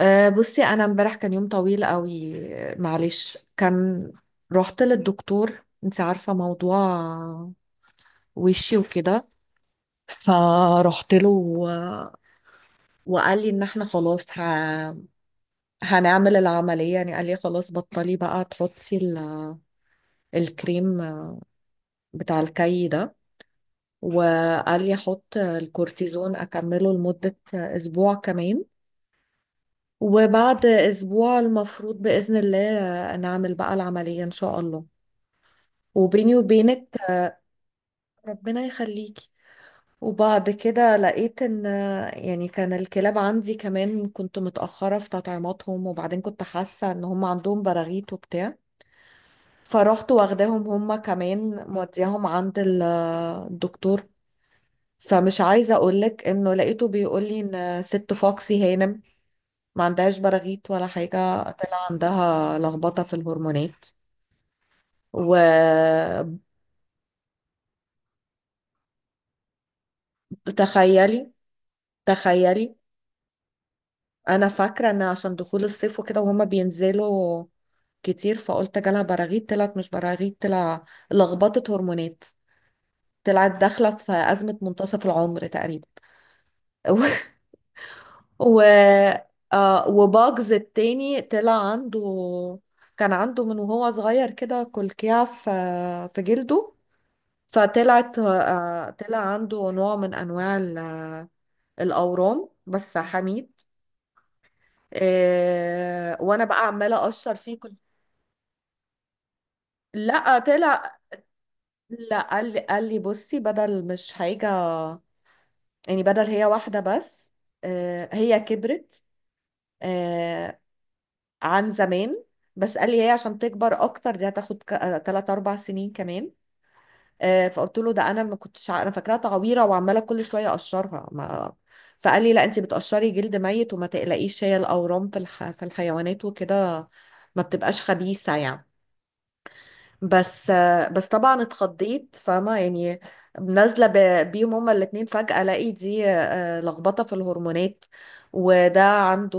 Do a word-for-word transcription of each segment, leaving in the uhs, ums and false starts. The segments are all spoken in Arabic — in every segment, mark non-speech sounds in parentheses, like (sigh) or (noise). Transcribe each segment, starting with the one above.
أه، بصي انا امبارح كان يوم طويل قوي. معلش كان رحت للدكتور، انت عارفة موضوع وشي وكده، فرحت له و- وقال لي ان احنا خلاص ه... هنعمل العملية. يعني قال لي خلاص بطلي بقى تحطي ال... الكريم بتاع الكي ده، وقال لي احط الكورتيزون اكمله لمدة اسبوع كمان. وبعد اسبوع المفروض بإذن الله نعمل بقى العملية ان شاء الله. وبيني وبينك، ربنا يخليكي. وبعد كده لقيت ان يعني كان الكلاب عندي كمان كنت متأخرة في تطعيماتهم، وبعدين كنت حاسة ان هم عندهم براغيث وبتاع. فرحت واخداهم هم كمان، مودياهم عند ال- الدكتور. فمش عايزة اقولك انه لقيته بيقولي ان ست فوكسي هانم ما عندهاش براغيث ولا حاجة، طلع عندها لخبطة في الهرمونات. وتخيلي، تخيلي، انا فاكره ان عشان دخول الصيف وكده وهما بينزلوا كتير، فقلت جالها براغيث، طلعت مش براغيث، طلع لخبطه هرمونات. طلعت داخله في ازمه منتصف العمر تقريبا. (laughs) و و- آه، وباجز التاني طلع عنده، كان عنده من وهو صغير كده كلكيع في في جلده، فطلعت آه طلع عنده نوع من انواع ال- الاورام بس حميد. آه، وانا بقى عماله اقشر فيه. لا طلع، لا قال لي، قال لي بصي بدل مش حاجة، يعني بدل هي واحدة بس. آه، هي كبرت آه، عن زمان. بس قال لي هي عشان تكبر اكتر دي هتاخد ك- آه، تلات اربع سنين كمان. آه، فقلت له ده انا ما كنتش ع- انا فاكراها تعويرة وعمالة كل شوية اقشرها ما. فقال لي لا انت بتقشري جلد ميت، وما تقلقيش هي الاورام في الح... في الحيوانات وكده ما بتبقاش خبيثة يعني. بس بس طبعا اتخضيت، فاهمة يعني؟ نازلة ب- بيهم هما الاتنين، فجأة الاقي دي آه، لخبطة في الهرمونات، وده عنده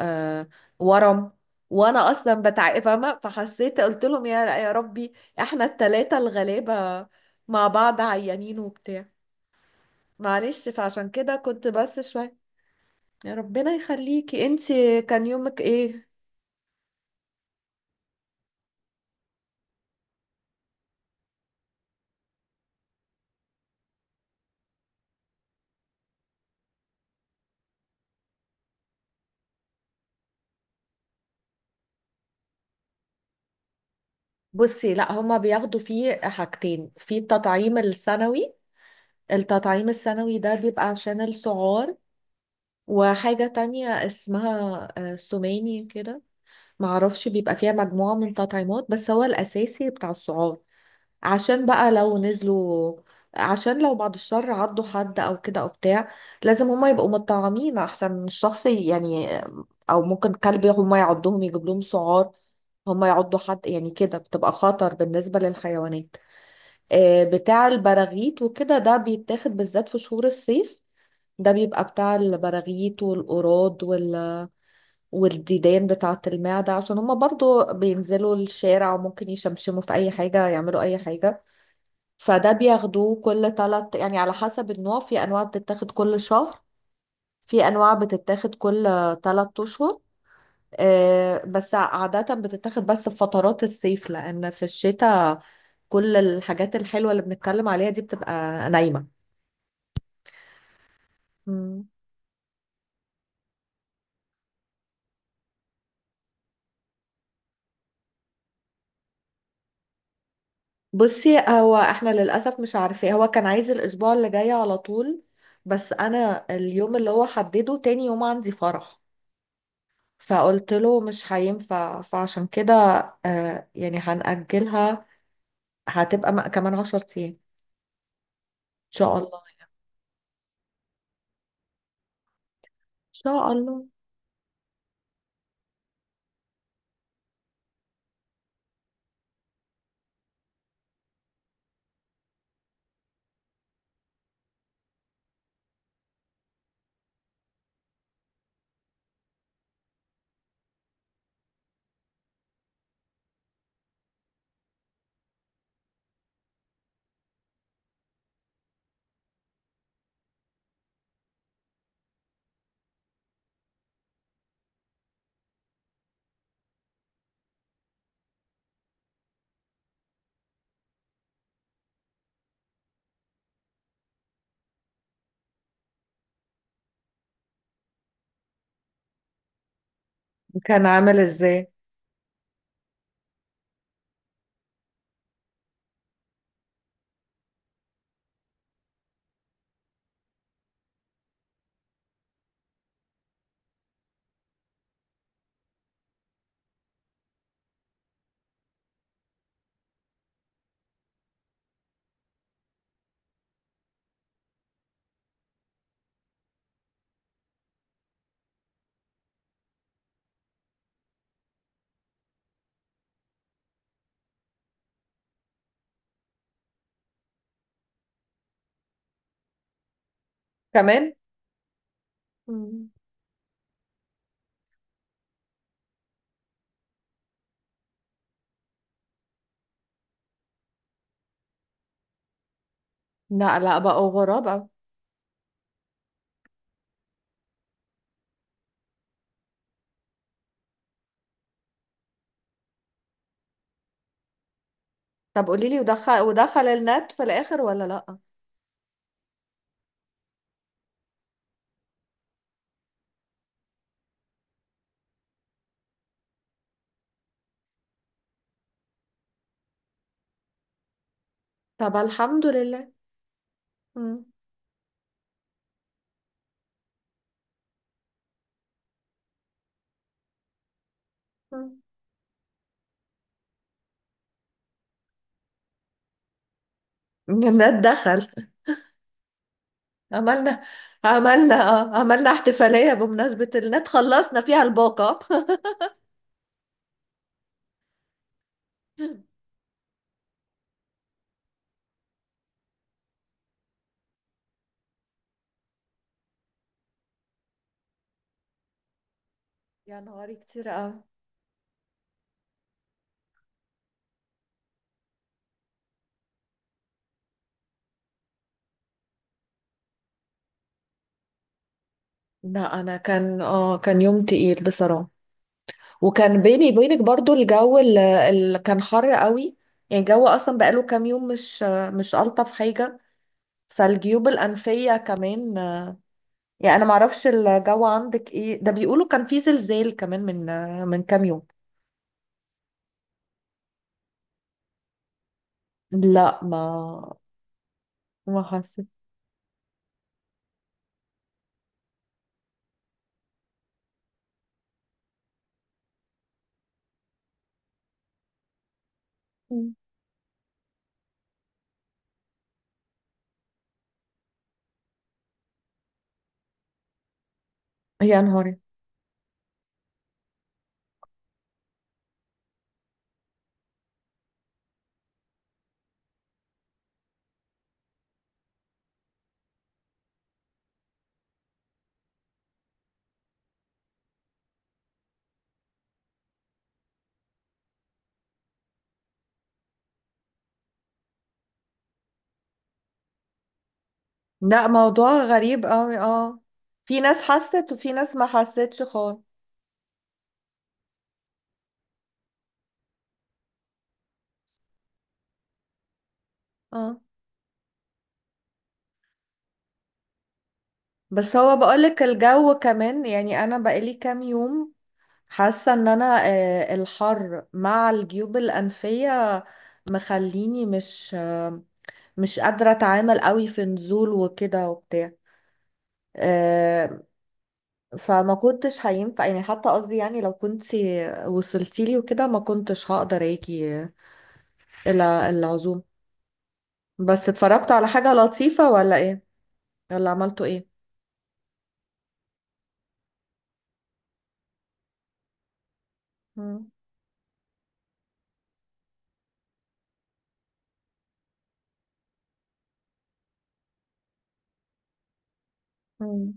آه، ورم، وانا اصلا بتعب فاهمة، فحسيت قلت لهم يا يا ربي احنا التلاتة الغلابة مع بعض عيانين وبتاع. معلش، فعشان كده كنت بس شوية. يا ربنا يخليكي، انتي كان يومك ايه؟ بصي لا هما بياخدوا فيه حاجتين في التطعيم السنوي. التطعيم السنوي ده بيبقى عشان السعار، وحاجة تانية اسمها آه، سوماني كده معرفش، بيبقى فيها مجموعة من تطعيمات، بس هو الأساسي بتاع السعار. عشان بقى لو نزلوا، عشان لو بعد الشر عضوا حد أو كده أو بتاع، لازم هما يبقوا مطعمين أحسن من الشخص يعني. آه، أو ممكن كلب هما يعضهم يجيب لهم سعار، هما يعضوا حد يعني، كده بتبقى خطر بالنسبة للحيوانات. آه، بتاع البراغيث وكده ده بيتاخد بالذات في شهور الصيف. ده بيبقى بتاع البراغيث والقراض وال... والديدان بتاعة المعدة، عشان هما برضو بينزلوا الشارع وممكن يشمشموا في أي حاجة يعملوا أي حاجة. فده بياخدوه كل تلت، يعني على حسب النوع، في أنواع بتتاخد كل شهر، في أنواع بتتاخد كل تلت أشهر. آه، بس عادة بتتاخد بس في فترات الصيف، لأن في الشتاء كل الحاجات الحلوة اللي بنتكلم عليها دي بتبقى نايمة. بصي هو احنا للأسف مش عارفين، هو كان عايز الأسبوع اللي جاي على طول، بس أنا اليوم اللي هو حدده تاني يوم عندي فرح. فقلت له مش هينفع، فعشان كده آه، يعني هنأجلها. هتبقى م- كمان عشر أيام إن شاء الله إن شاء الله. كان عامل إزاي؟ كمان. مم. لا لا، بقوا غرابة. طب قولي لي، ودخل، ودخل النت في الآخر ولا لأ؟ طب الحمد لله. مم. مم. النت دخل، عملنا، عملنا اه عملنا احتفالية بمناسبة النت، خلصنا فيها الباقة. (laughs) يا نهاري كتير قوي. لا انا كان اه كان يوم تقيل بصراحة، وكان بيني وبينك برضو الجو اللي كان حر قوي. يعني الجو اصلا بقاله كام يوم مش مش الطف حاجة، فالجيوب الانفية كمان. يعني انا معرفش الجو عندك ايه، ده بيقولوا كان في زلزال كمان من من كام يوم. لا ما ما حسيت. يا نهاري. لا، موضوع غريب قوي، اه. في ناس حست وفي ناس ما حستش خالص. اه. بس هو بقولك الجو كمان، يعني انا بقالي كام يوم حاسه ان انا آه، الحر مع الجيوب الانفيه مخليني مش آه، مش قادره اتعامل قوي في نزول وكده وبتاع. آه، فما كنتش هينفع يعني، حتى قصدي يعني لو كنت وصلتيلي وكده ما كنتش هقدر اجي الى العزوم. بس اتفرجت على حاجه لطيفه ولا ايه؟ يلا عملتوا ايه؟ مم. مم.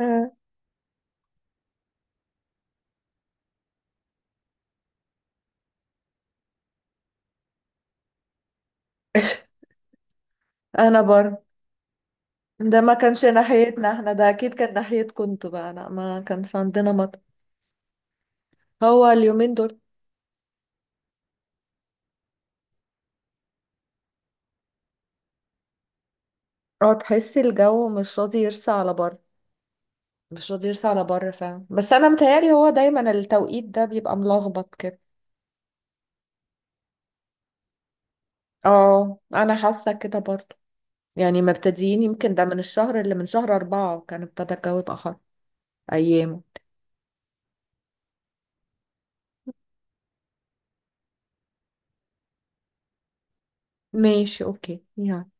آه. (laughs) انا بر، ده ما كانش ناحيتنا احنا، ده اكيد كان ناحيتكم انتوا بقى. لا ما كانش عندنا مطر. هو اليومين دول اه تحس الجو مش راضي يرسى على بر. مش راضي يرسى على بر فعلا، بس انا متهيألي هو دايما التوقيت ده بيبقى ملخبط كده. اه انا حاسه كده برضه. يعني مبتدئين، يمكن ده من الشهر اللي من شهر أربعة وكان ابتدى الجو يبقى حر ايامه. ماشي اوكي يعني.